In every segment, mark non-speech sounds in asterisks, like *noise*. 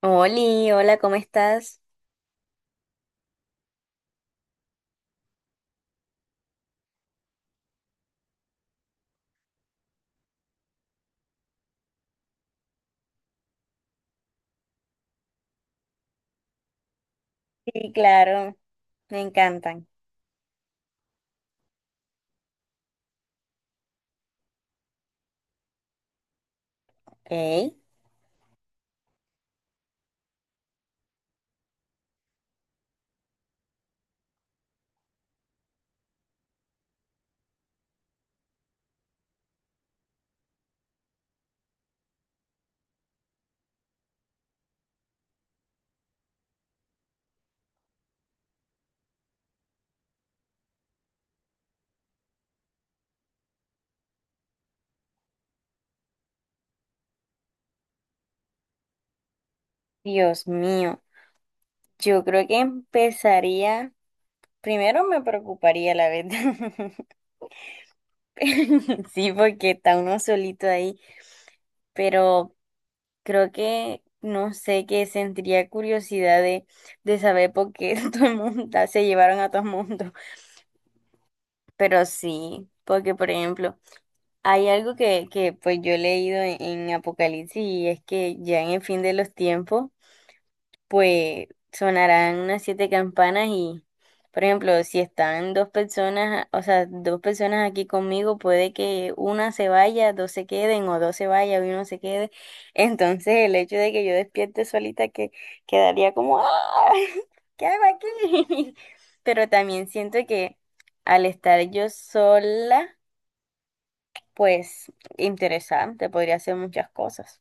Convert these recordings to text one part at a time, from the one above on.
Oli, hola, ¿cómo estás? Sí, claro, me encantan. Ok, Dios mío, yo creo que empezaría, primero me preocuparía la verdad, *laughs* sí, porque está uno solito ahí, pero creo que, no sé, que sentiría curiosidad de saber por qué *laughs* todo el mundo, se llevaron a todo el mundo, pero sí, porque por ejemplo... Hay algo que pues yo he leído en Apocalipsis y es que ya en el fin de los tiempos pues sonarán unas 7 campanas y, por ejemplo, si están dos personas, o sea, dos personas aquí conmigo, puede que una se vaya, dos se queden, o dos se vaya y uno se quede. *laughs* Entonces, el hecho de que yo despierte solita que quedaría como, ¡ah! *laughs* ¿Qué hago aquí? *laughs* Pero también siento que al estar yo sola, pues interesante, podría hacer muchas cosas.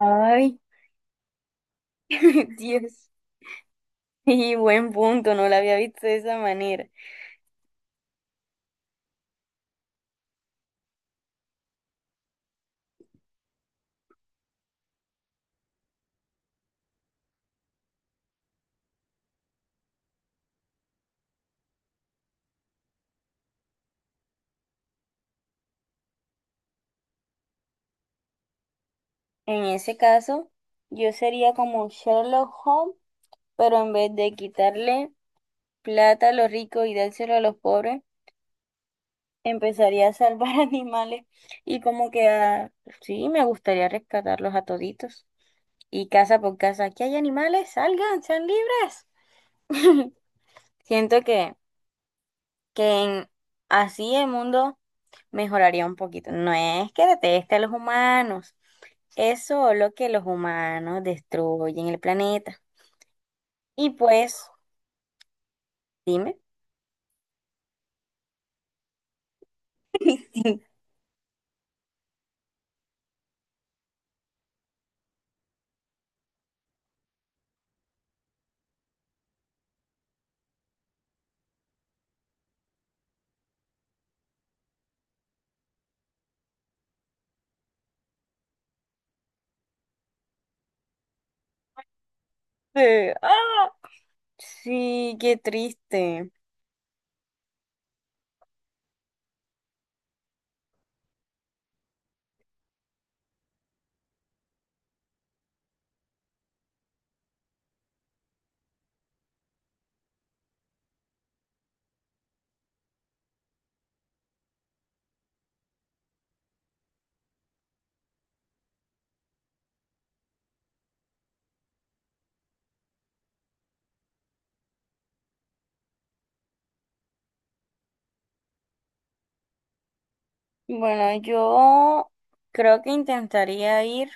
Ay, *laughs* Dios. Sí, buen punto, no la había visto de esa manera. En ese caso, yo sería como Sherlock Holmes, pero en vez de quitarle plata a los ricos y dárselo a los pobres, empezaría a salvar *laughs* animales y como que a... Sí, me gustaría rescatarlos a toditos. Y casa por casa, aquí hay animales, salgan, sean libres. *laughs* Siento que, que en- así el mundo mejoraría un poquito. No es que deteste a los humanos. Es solo que los humanos destruyen el planeta. Y pues, dime. *laughs* ¡Ah! Sí, qué triste. Bueno, yo creo que intentaría ir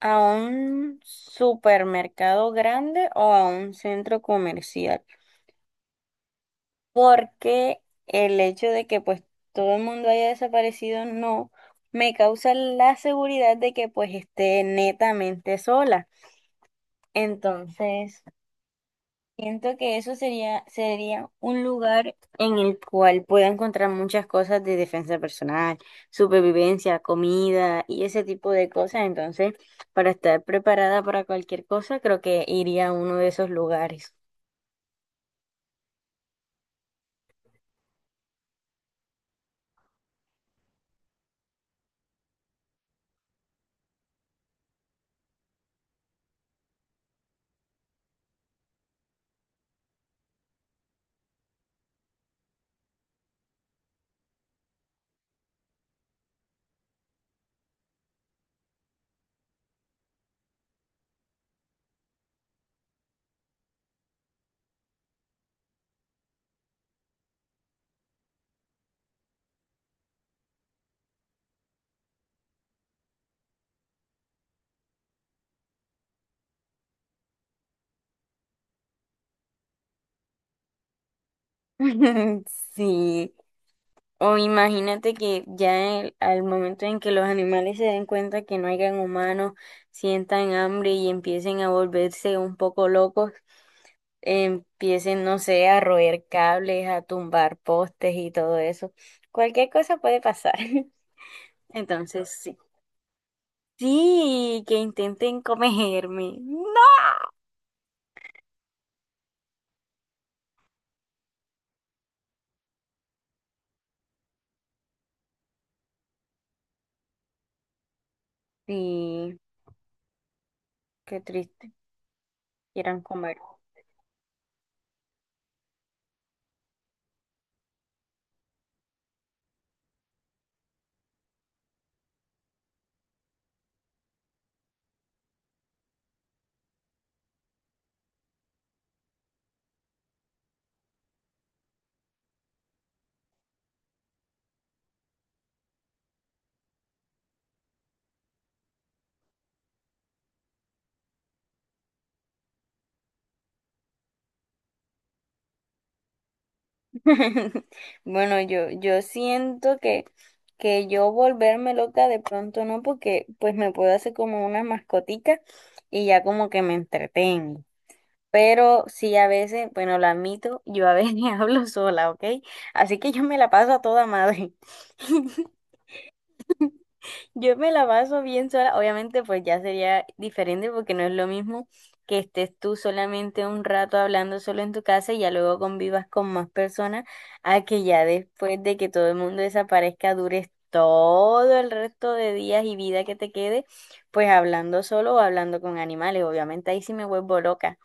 a un supermercado grande o a un centro comercial, porque el hecho de que pues todo el mundo haya desaparecido no me causa la seguridad de que pues esté netamente sola. Entonces, siento que eso sería un lugar en el cual pueda encontrar muchas cosas de defensa personal, supervivencia, comida y ese tipo de cosas. Entonces, para estar preparada para cualquier cosa, creo que iría a uno de esos lugares. *laughs* Sí. O imagínate que ya al momento en que los animales se den cuenta que no hayan humanos, sientan hambre y empiecen a volverse un poco locos. Empiecen, no sé, a roer cables, a tumbar postes y todo eso. Cualquier cosa puede pasar. *laughs* Entonces, sí. Sí, que intenten comerme. No. Sí, qué triste. Quieran comer. *laughs* Bueno, yo siento que yo volverme loca de pronto no, porque pues me puedo hacer como una mascotica y ya como que me entretengo. Pero sí, a veces, bueno, lo admito, yo a veces *laughs* hablo sola, ¿ok? Así que yo me la paso a toda madre. *laughs* Yo me la paso bien sola. Obviamente, pues ya sería diferente porque no es lo mismo que estés tú solamente un rato hablando solo en tu casa y ya luego convivas con más personas a que ya después de que todo el mundo desaparezca dures todo el resto de días y vida que te quede, pues hablando solo o hablando con animales. Obviamente ahí sí me vuelvo loca.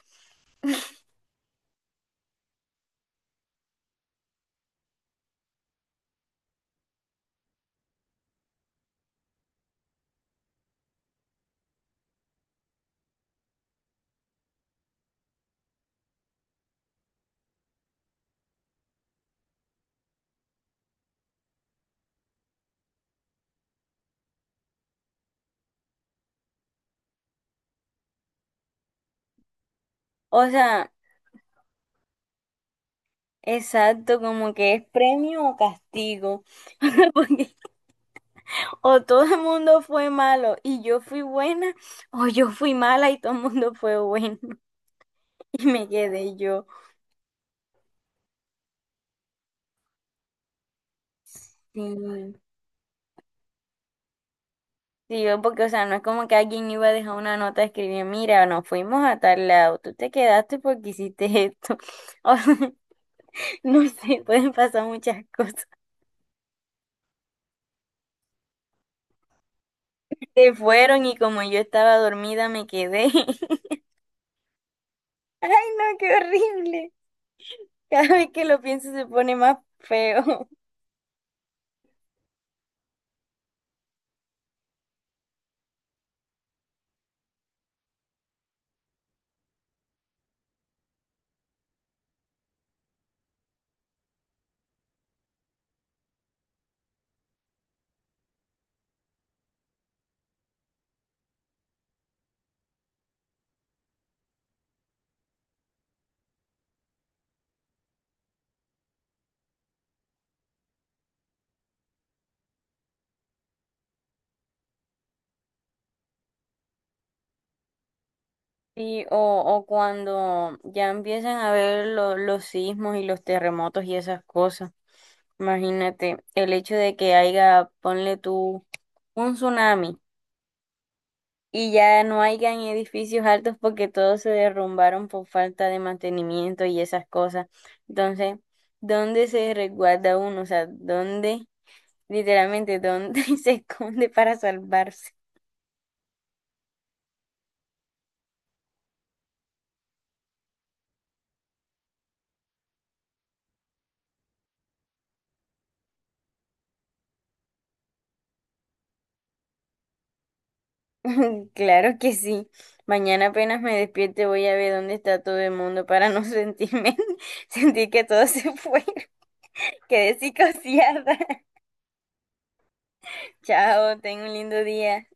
O sea... Exacto, como que es premio o castigo, *laughs* porque o todo el mundo fue malo y yo fui buena, o yo fui mala y todo el mundo fue bueno *laughs* y me quedé yo. Sí, sí, yo porque, o sea, no es como que alguien iba a dejar una nota de escribir, mira, nos fuimos a tal lado, tú te quedaste porque hiciste esto. *laughs* O sea, no sé, pueden pasar muchas cosas. Se fueron y como yo estaba dormida me quedé. *laughs* Ay, no, qué horrible. Cada vez que lo pienso se pone más feo. *laughs* Sí, o cuando ya empiezan a ver los sismos y los terremotos y esas cosas. Imagínate, el hecho de que haya, ponle tú, un tsunami y ya no hayan edificios altos porque todos se derrumbaron por falta de mantenimiento y esas cosas. Entonces, ¿dónde se resguarda uno? O sea, ¿dónde, literalmente, dónde *laughs* se esconde para salvarse? *laughs* Claro que sí. Mañana apenas me despierte voy a ver dónde está todo el mundo para no sentirme, *laughs* sentir que todo se fue. *laughs* Quedé psicoseada. *laughs* Chao, ten un lindo día.